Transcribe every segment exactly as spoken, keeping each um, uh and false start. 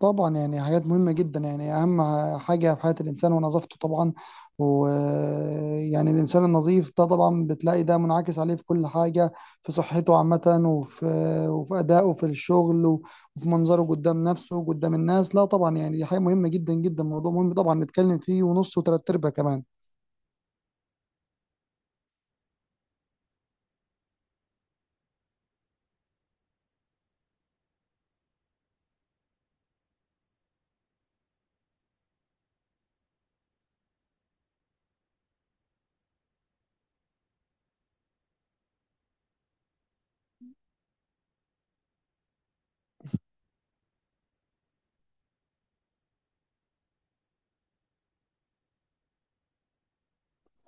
طبعا يعني حاجات مهمة جدا يعني أهم حاجة في حياة الإنسان ونظافته طبعا، ويعني الإنسان النظيف ده طبعا بتلاقي ده منعكس عليه في كل حاجة في صحته عامة وفي وفي أدائه في الشغل وفي منظره قدام نفسه قدام الناس. لا طبعا يعني دي حاجة مهمة جدا جدا، موضوع مهم طبعا نتكلم فيه ونص وتلات أرباع كمان.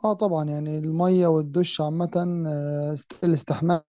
اه طبعا يعني الميه والدش عامه، آه، الاستحمام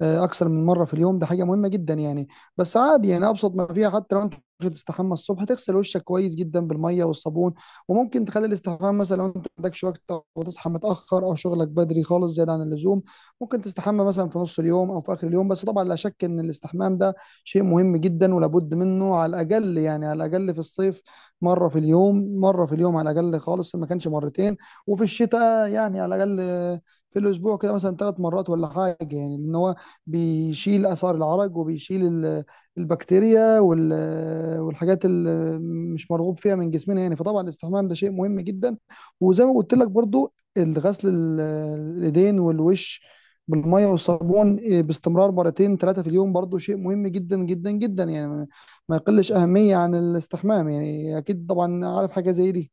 آه، اكثر من مره في اليوم ده حاجه مهمه جدا يعني. بس عادي يعني ابسط ما فيها حتى لو انت مش هتستحمى الصبح تغسل وشك كويس جدا بالميه والصبون، وممكن تخلي الاستحمام مثلا لو انت ما عندكش وقت وتصحى متاخر او شغلك بدري خالص زياده عن اللزوم ممكن تستحمى مثلا في نص اليوم او في اخر اليوم. بس طبعا لا شك ان الاستحمام ده شيء مهم جدا ولابد منه، على الاقل يعني على الاقل في الصيف مره في اليوم، مره في اليوم على الاقل خالص ما كانش مرتين. وفي الشتاء يعني على الاقل آه، في الاسبوع كده مثلا ثلاث مرات ولا حاجه، يعني لان هو بيشيل اثار العرق وبيشيل ال- البكتيريا وال- والحاجات اللي مش مرغوب فيها من جسمنا يعني. فطبعا الاستحمام ده شيء مهم جدا. وزي ما قلت لك برضو الغسل ال- الايدين والوش بالميه والصابون، إيه، باستمرار مرتين ثلاثه في اليوم برضو شيء مهم جدا جدا جدا، يعني ما ما يقلش اهميه عن الاستحمام يعني، اكيد طبعا عارف حاجه زي دي.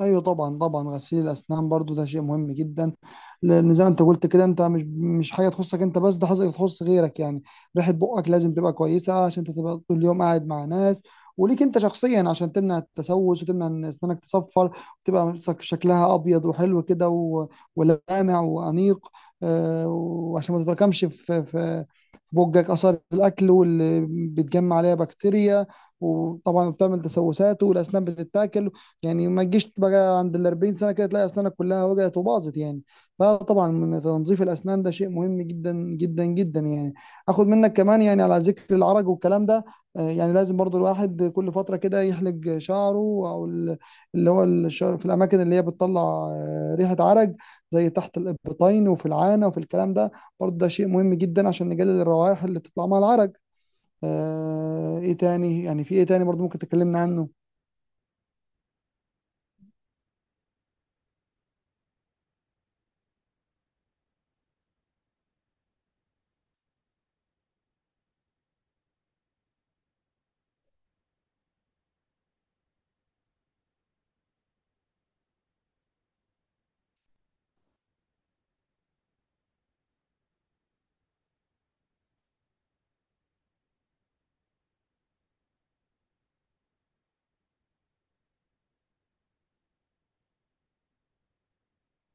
ايوه طبعا طبعا غسيل الاسنان برضو ده شيء مهم جدا لان زي ما انت قلت كده انت مش مش حاجه تخصك انت بس، ده حاجه تخص غيرك يعني. ريحه بقك لازم تبقى كويسه عشان انت تبقى طول اليوم قاعد مع ناس، وليك انت شخصيا عشان تمنع التسوس وتمنع ان اسنانك تصفر وتبقى شك- شكلها ابيض وحلو كده و- ولامع وانيق. آه، وعشان ما تتراكمش في في في بقك اثار الاكل واللي بتجمع عليها بكتيريا وطبعا بتعمل تسوسات والاسنان بتتاكل، يعني ما تجيش بقى عند ال أربعين سنه كده تلاقي اسنانك كلها وجعت وباظت يعني. فطبعا من تنظيف الاسنان ده شيء مهم جدا جدا جدا يعني. اخد منك كمان يعني على ذكر العرج والكلام ده، آه، يعني لازم برضو الواحد كل فتره كده يحلق شعره او ال- اللي هو الشعر في الاماكن اللي هي بتطلع آه، ريحه عرج، زي تحت الابطين وفي العانه وفي الكلام ده. برضو ده شيء مهم جدا عشان نقلل الروائح اللي تطلع مع العرج. آه، ايه تاني يعني، في ايه تاني برضو ممكن تكلمنا عنه؟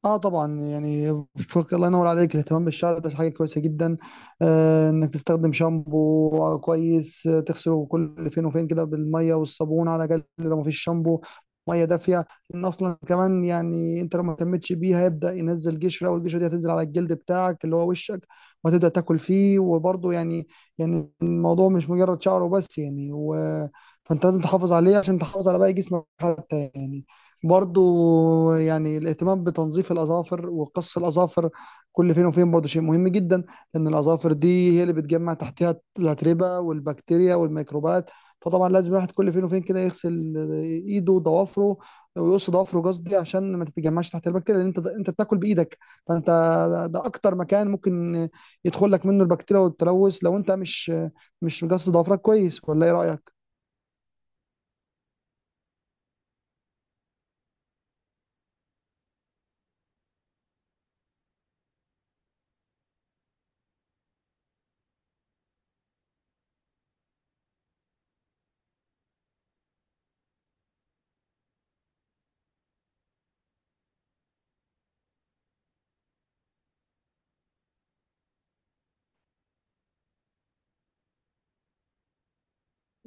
اه طبعا يعني، فوق الله ينور عليك، الاهتمام بالشعر ده حاجه كويسه جدا. آه انك تستخدم شامبو آه، كويس، آه، تغسله كل فين وفين كده بالميه والصابون على الاقل لو مفيش شامبو، ميه دافيه. لان اصلا كمان يعني انت لو ما اهتمتش بيها يبدا ينزل قشره، والقشره دي هتنزل على الجلد بتاعك اللي هو وشك وهتبدا تاكل فيه وبرضه يعني، يعني الموضوع مش مجرد شعره بس يعني و... فانت لازم تحافظ عليه عشان تحافظ على باقي جسمك حتى يعني. برضو يعني الاهتمام بتنظيف الأظافر وقص الأظافر كل فين وفين برضو شيء مهم جدا، لأن الأظافر دي هي اللي بتجمع تحتها الأتربة والبكتيريا والميكروبات. فطبعا لازم الواحد كل فين وفين كده يغسل ايده وضوافره، ويقص ضوافره قصدي، عشان ما تتجمعش تحت البكتيريا، لان انت انت بتاكل بايدك. فانت ده اكتر مكان ممكن يدخل لك منه البكتيريا والتلوث لو انت مش مش مقص ضوافرك كويس، ولا ايه رايك؟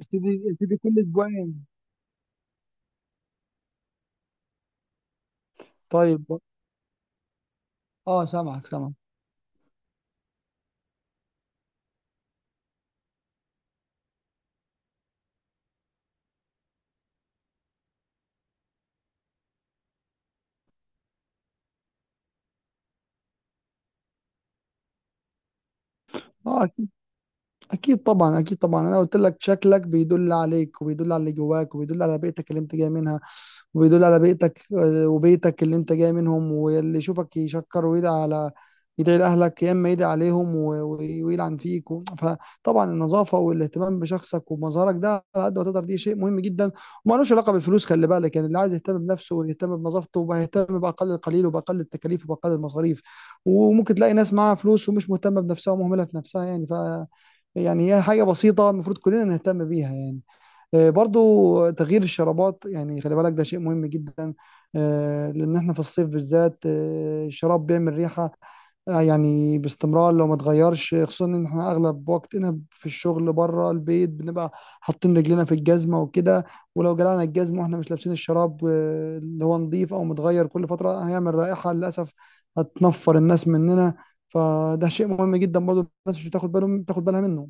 ابتدي ابتدي كل اسبوعين. طيب، اه سامعك سامعك. اه اكيد، أكيد طبعا اكيد طبعا، انا قلت لك شكلك بيدل عليك وبيدل على اللي جواك وبيدل على بيئتك اللي انت جاي منها، وبيدل على بيئتك وبيتك اللي انت جاي منهم، واللي يشوفك يشكر ويدعي على، يدعي لأهلك يا إما يدعي عليهم و- و- ويلعن فيك و- فطبعا النظافة والاهتمام بشخصك ومظهرك ده على قد ما تقدر دي شيء مهم جدا. ومالوش علاقة بالفلوس، خلي بالك يعني، اللي عايز يهتم بنفسه ويهتم بنظافته وهيهتم بأقل القليل وبأقل التكاليف وبأقل المصاريف. وممكن تلاقي ناس معاها فلوس ومش مهتمة بنفسها ومهملة في نفسها، يعني ف يعني هي حاجة بسيطة المفروض كلنا نهتم بيها يعني. آه، برضو تغيير الشرابات يعني خلي بالك ده شيء مهم جدا. آه، لان احنا في الصيف بالذات آه، الشراب بيعمل ريحة، آه، يعني باستمرار لو ما اتغيرش، خصوصا ان احنا اغلب وقتنا في الشغل بره البيت بنبقى حاطين رجلنا في الجزمه وكده. ولو جلعنا الجزمه واحنا مش لابسين الشراب آه، اللي هو نظيف او متغير كل فتره، هيعمل رائحه للاسف هتنفر الناس مننا. فده شيء مهم جدا برضو، الناس مش بتاخد بالهم بتاخد بالها منه.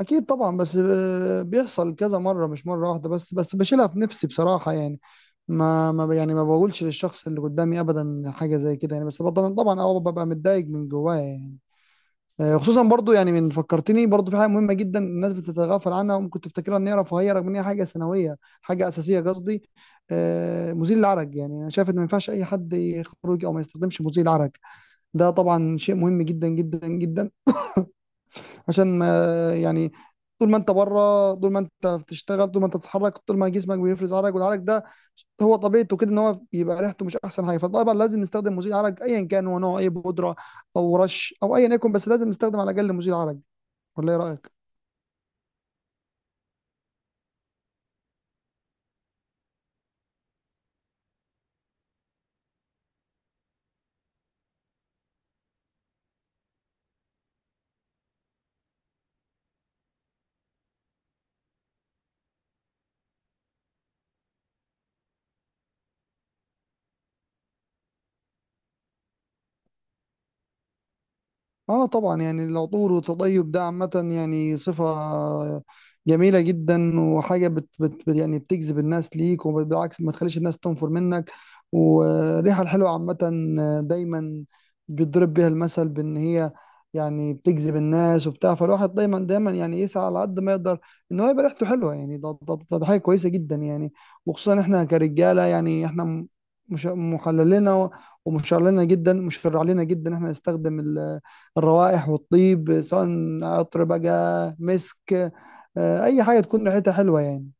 اكيد طبعا، بس آه، بيحصل كذا مره مش مره واحده بس، بس بشيلها في نفسي بصراحه يعني. ما ما ب- يعني ما بقولش للشخص اللي قدامي ابدا حاجه زي كده يعني، بس طبعا طبعا اه ببقى متضايق من جوايا يعني. آه، خصوصا برضو يعني، من فكرتني برضو في حاجه مهمه جدا الناس بتتغافل عنها وممكن تفتكرها ان هي رفاهيه رغم ان هي حاجه ثانويه، حاجه اساسيه قصدي. آه، مزيل العرق، يعني انا شايف ان ما ينفعش اي حد يخرج او ما يستخدمش مزيل العرق. ده طبعا شيء مهم جدا جدا جدا عشان ما يعني، طول ما انت بره طول ما انت بتشتغل طول ما انت بتتحرك طول ما جسمك بيفرز عرق، والعرق ده هو طبيعته كده ان هو بيبقى ريحته مش احسن حاجه. فطبعا لازم نستخدم مزيل عرق ايا كان هو نوعه، اي بودره او رش او ايا يكن، بس لازم نستخدم على الاقل مزيل عرق. ولا ايه رايك؟ اه طبعا يعني العطور والتطيب ده عامة يعني صفة جميلة جدا، وحاجة بت بت بت- يعني بتجذب الناس ليك وبالعكس ما تخليش الناس تنفر منك. والريحة الحلوة عامة دايما بيتضرب بيها المثل، بان هي يعني بتجذب الناس وبتاع. فالواحد دايما دايما يعني يسعى على قد ما يقدر ان هو يبقى ريحته حلوة يعني، ده ده ده ده حاجة كويسة جدا يعني. وخصوصا احنا كرجالة يعني، احنا م- مش محللنا، ومشرع لنا جدا، مشرع لنا جدا احنا نستخدم ال الروائح والطيب، سواء عطر بقى، مسك، آه، اي حاجه تكون ريحتها حلوه يعني.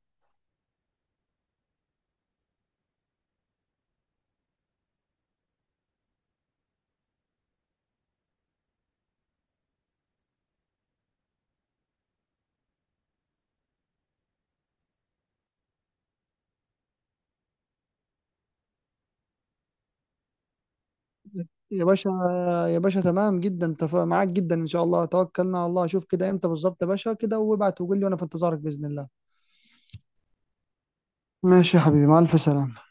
يا باشا، يا باشا تمام جدا، تف... معاك جدا ان شاء الله، توكلنا على الله. شوف كده امتى بالظبط يا باشا كده وابعت وقول لي، وانا في انتظارك باذن الله. ماشي يا حبيبي، مع الف سلامه.